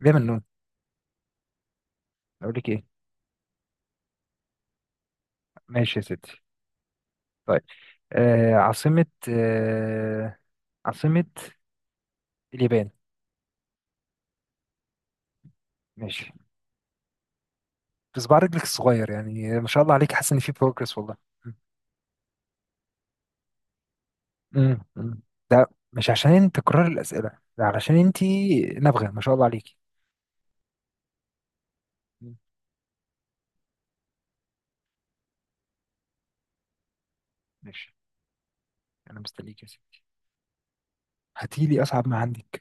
ليه منون؟ اقول لك ايه؟ ماشي يا ستي. طيب. عاصمة، عاصمة اليابان. ماشي. بصبع رجلك الصغير يعني ما شاء الله عليك، حاسس ان في بروجرس والله. أمم. ده مش عشان انت تكرر الأسئلة، ده علشان انت نابغة ما شاء الله عليك. أمم. ماشي، انا مستنيك يا ستي، هاتي لي اصعب ما عندك.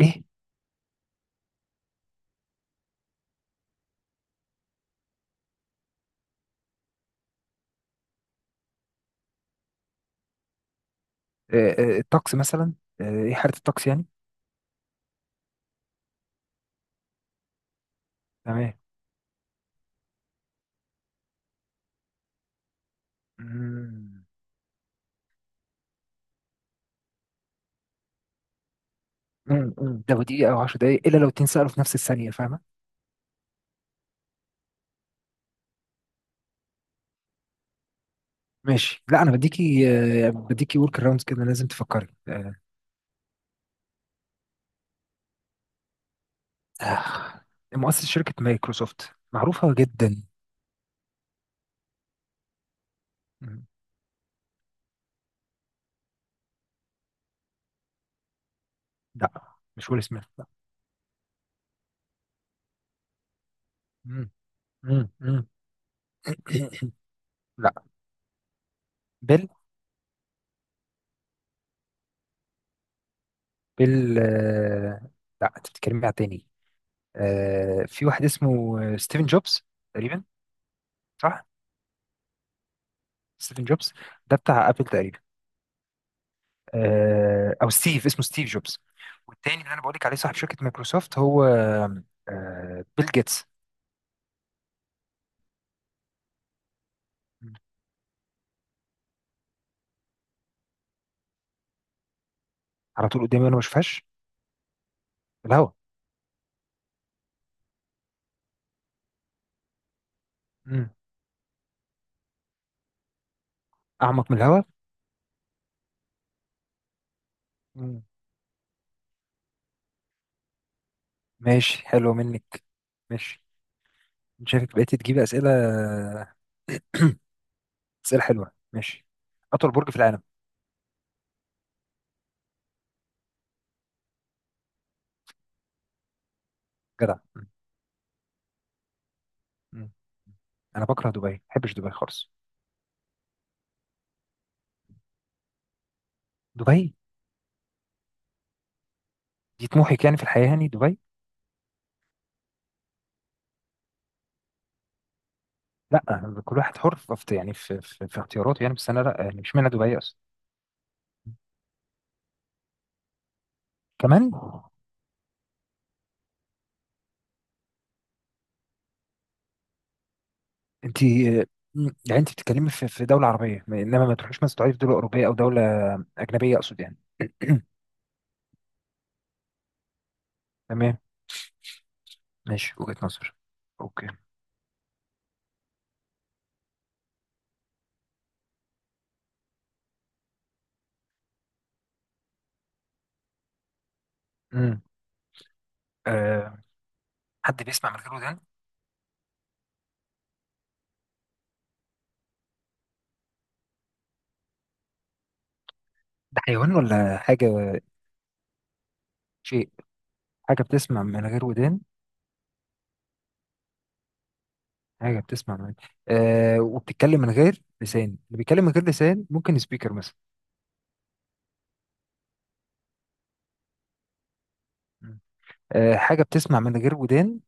ايه؟ آه الطقس مثلا، ايه حالة الطقس يعني. تمام. أمم. أمم. أمم. ده دقيقة او 10 دقايق، الا لو اتنين سألوا في نفس الثانية، فاهمة؟ ماشي، لا انا بديكي بديكي ورك اراوندز كده، لازم تفكري. آه، مؤسس شركه مايكروسوفت معروفه جدا. مم. لا مش ويل سميث، لا. مم. مم. مم. لا. بيل. بيل لا، انت بتتكلمي على تاني. في واحد اسمه ستيفن جوبز تقريبا. صح، ستيفن جوبز، ده بتاع ابل تقريبا. او ستيف، اسمه ستيف جوبز. والتاني اللي انا بقولك عليه صاحب شركه مايكروسوفت هو بيل جيتس. على طول قدامي وانا ما بشوفهاش. الهواء. مم. أعمق من الهواء. مم. ماشي، حلو منك. ماشي. أنت شايفك بقيت تجيب أسئلة، أسئلة حلوة، ماشي. أطول برج في العالم. جدع. مم. أنا بكره دبي، ما بحبش دبي خالص. دبي دي طموحك يعني في الحياة يعني؟ دبي؟ لا، كل واحد حر يعني في اختياراته يعني، بس أنا لا، يعني مش معنى دبي أصلا. كمان انت يعني، انت بتتكلمي في دوله عربيه، انما ما تروحيش مثلا تقعدي في دوله اوروبيه او دوله اجنبيه اقصد يعني. تمام. ماشي، وجهة نظر. اوكي. امم آه. حد بيسمع من غير ودان؟ ده حيوان ولا حاجة؟ شيء. حاجة بتسمع من غير ودان. حاجة بتسمع من، وبتتكلم من غير لسان. اللي بيتكلم من غير لسان ممكن سبيكر مثلا. مم. آه، حاجة بتسمع من غير ودان،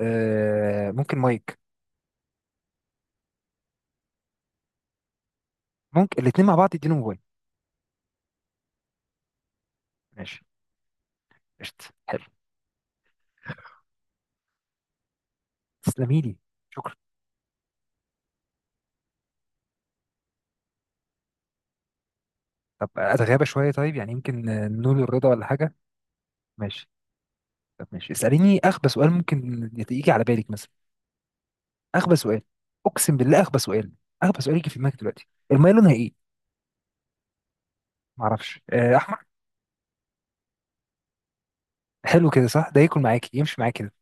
آه ممكن مايك. ممكن الاتنين مع بعض، يدينهم موبايل. ماشي. قشطة، حلو. تسلمي لي، شكرا. طب أتغابى شوية طيب، يعني يمكن نقول الرضا ولا حاجة. ماشي. طب ماشي، اسأليني أخبث سؤال ممكن يجي على بالك مثلا، اغبى سؤال. اقسم بالله اغبى سؤال، اغبى سؤال يجي في دماغك دلوقتي، الميه لونها ايه؟ ما اعرفش، احمر. حلو كده، صح؟ ده ياكل معاكي، يمشي معاك كده.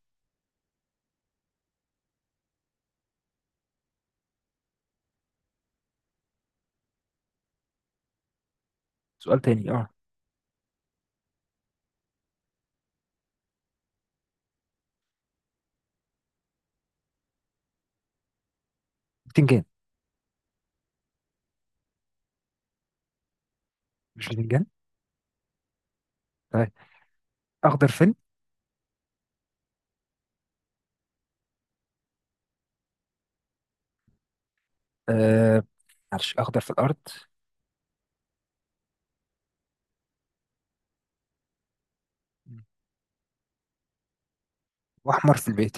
سؤال تاني، اه. بتنجان؟ مش بتنجان؟ طيب. اخضر فين؟ آه. معلش، اخضر في الارض واحمر في البيت.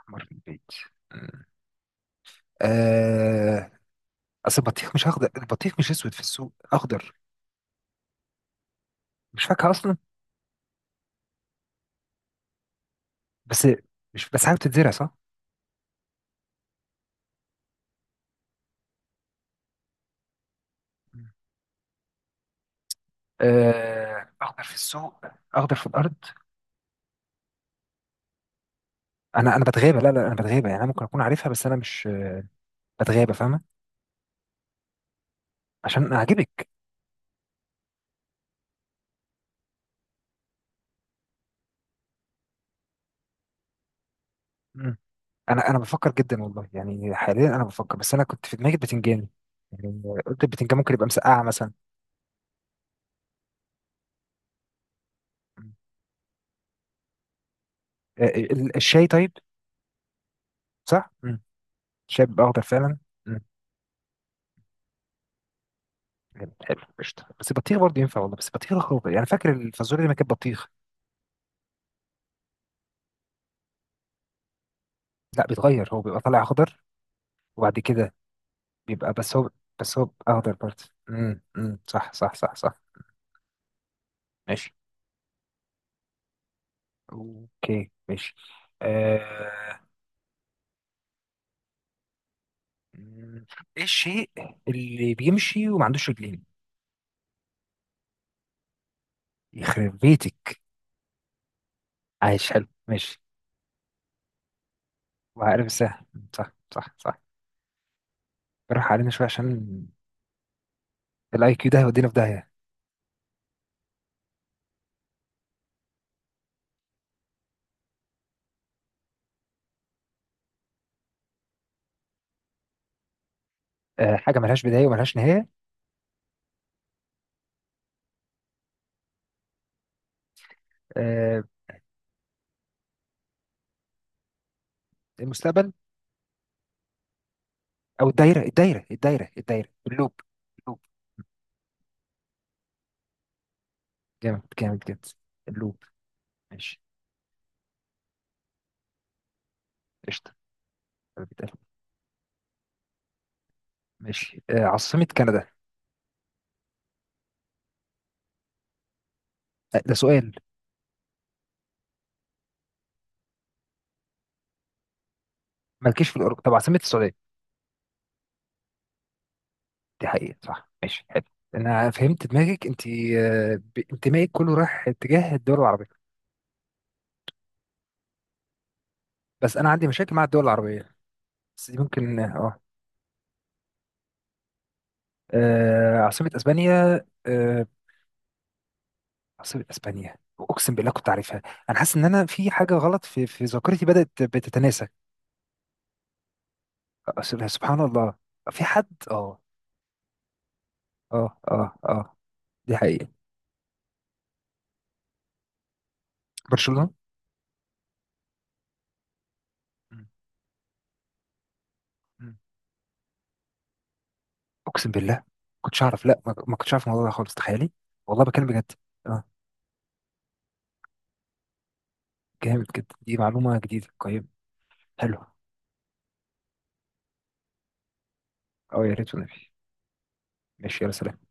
احمر في البيت. آه. آه، اصل البطيخ مش اخضر؟ البطيخ مش اسود في السوق، اخضر. مش فاكهه اصلا؟ بس، مش بس حاجه بتتزرع؟ صح. اخضر في السوق، اخضر في الارض. انا بتغابى، لا انا بتغابى يعني، انا ممكن اكون عارفها بس انا مش اتغابى، فاهمه؟ عشان اعجبك. مم. انا بفكر جدا والله يعني، حاليا انا بفكر، بس انا كنت في دماغي البتنجان، يعني قلت البتنجان ممكن يبقى مسقعه مثلا. مم. الشاي طيب؟ صح. الشاي بيبقى اخضر فعلا. مم. حلو حلو، قشطه، بس البطيخ برضه ينفع والله، بس البطيخ اخضر، يعني فاكر الفازوليا اللي ما كانت بطيخ. لا بيتغير، هو بيبقى طالع اخضر وبعد كده بيبقى، بس هو اخضر برضه. امم صح صح صح صح. ماشي. اوكي ماشي. آه. مم. ايه الشيء اللي بيمشي وما عندوش رجلين؟ يخرب بيتك، عايش حلو، ماشي. وعارف السهل. صح صح صح. براح علينا شويه، عشان الاي كيو ده هيودينا في داهيه. أه، حاجه ملهاش بدايه وملهاش نهايه؟ أه. المستقبل. او الدايره، الدايره اللوب. اللوب. جامد جامد جامد. اللوب. ماشي. قشطه. بيتقال. ماشي. أه، عاصمه كندا. أه ده سؤال. مالكيش في الاوروبا؟ طب عاصمه السعوديه. دي حقيقة، صح، ماشي، حلو. انا فهمت دماغك انت، انتمائك كله رايح اتجاه الدول العربية، بس انا عندي مشاكل مع الدول العربية. بس دي ممكن، اه. عاصمة اسبانيا. عاصمة اسبانيا، اقسم بالله كنت عارفها. انا حاسس ان انا في حاجة غلط في ذاكرتي، بدأت بتتناسى. سبحان الله. في حد، اه اه اه اه، دي حقيقة. برشلونة. مم. مم. اقسم بالله كنتش اعرف، لا ما كنتش اعرف الموضوع ده خالص، تخيلي. والله بكلم بجد. آه. جامد جدا، دي معلومة جديدة قيم. حلو. أو يا ريت والنبي. ماشي يا سلام.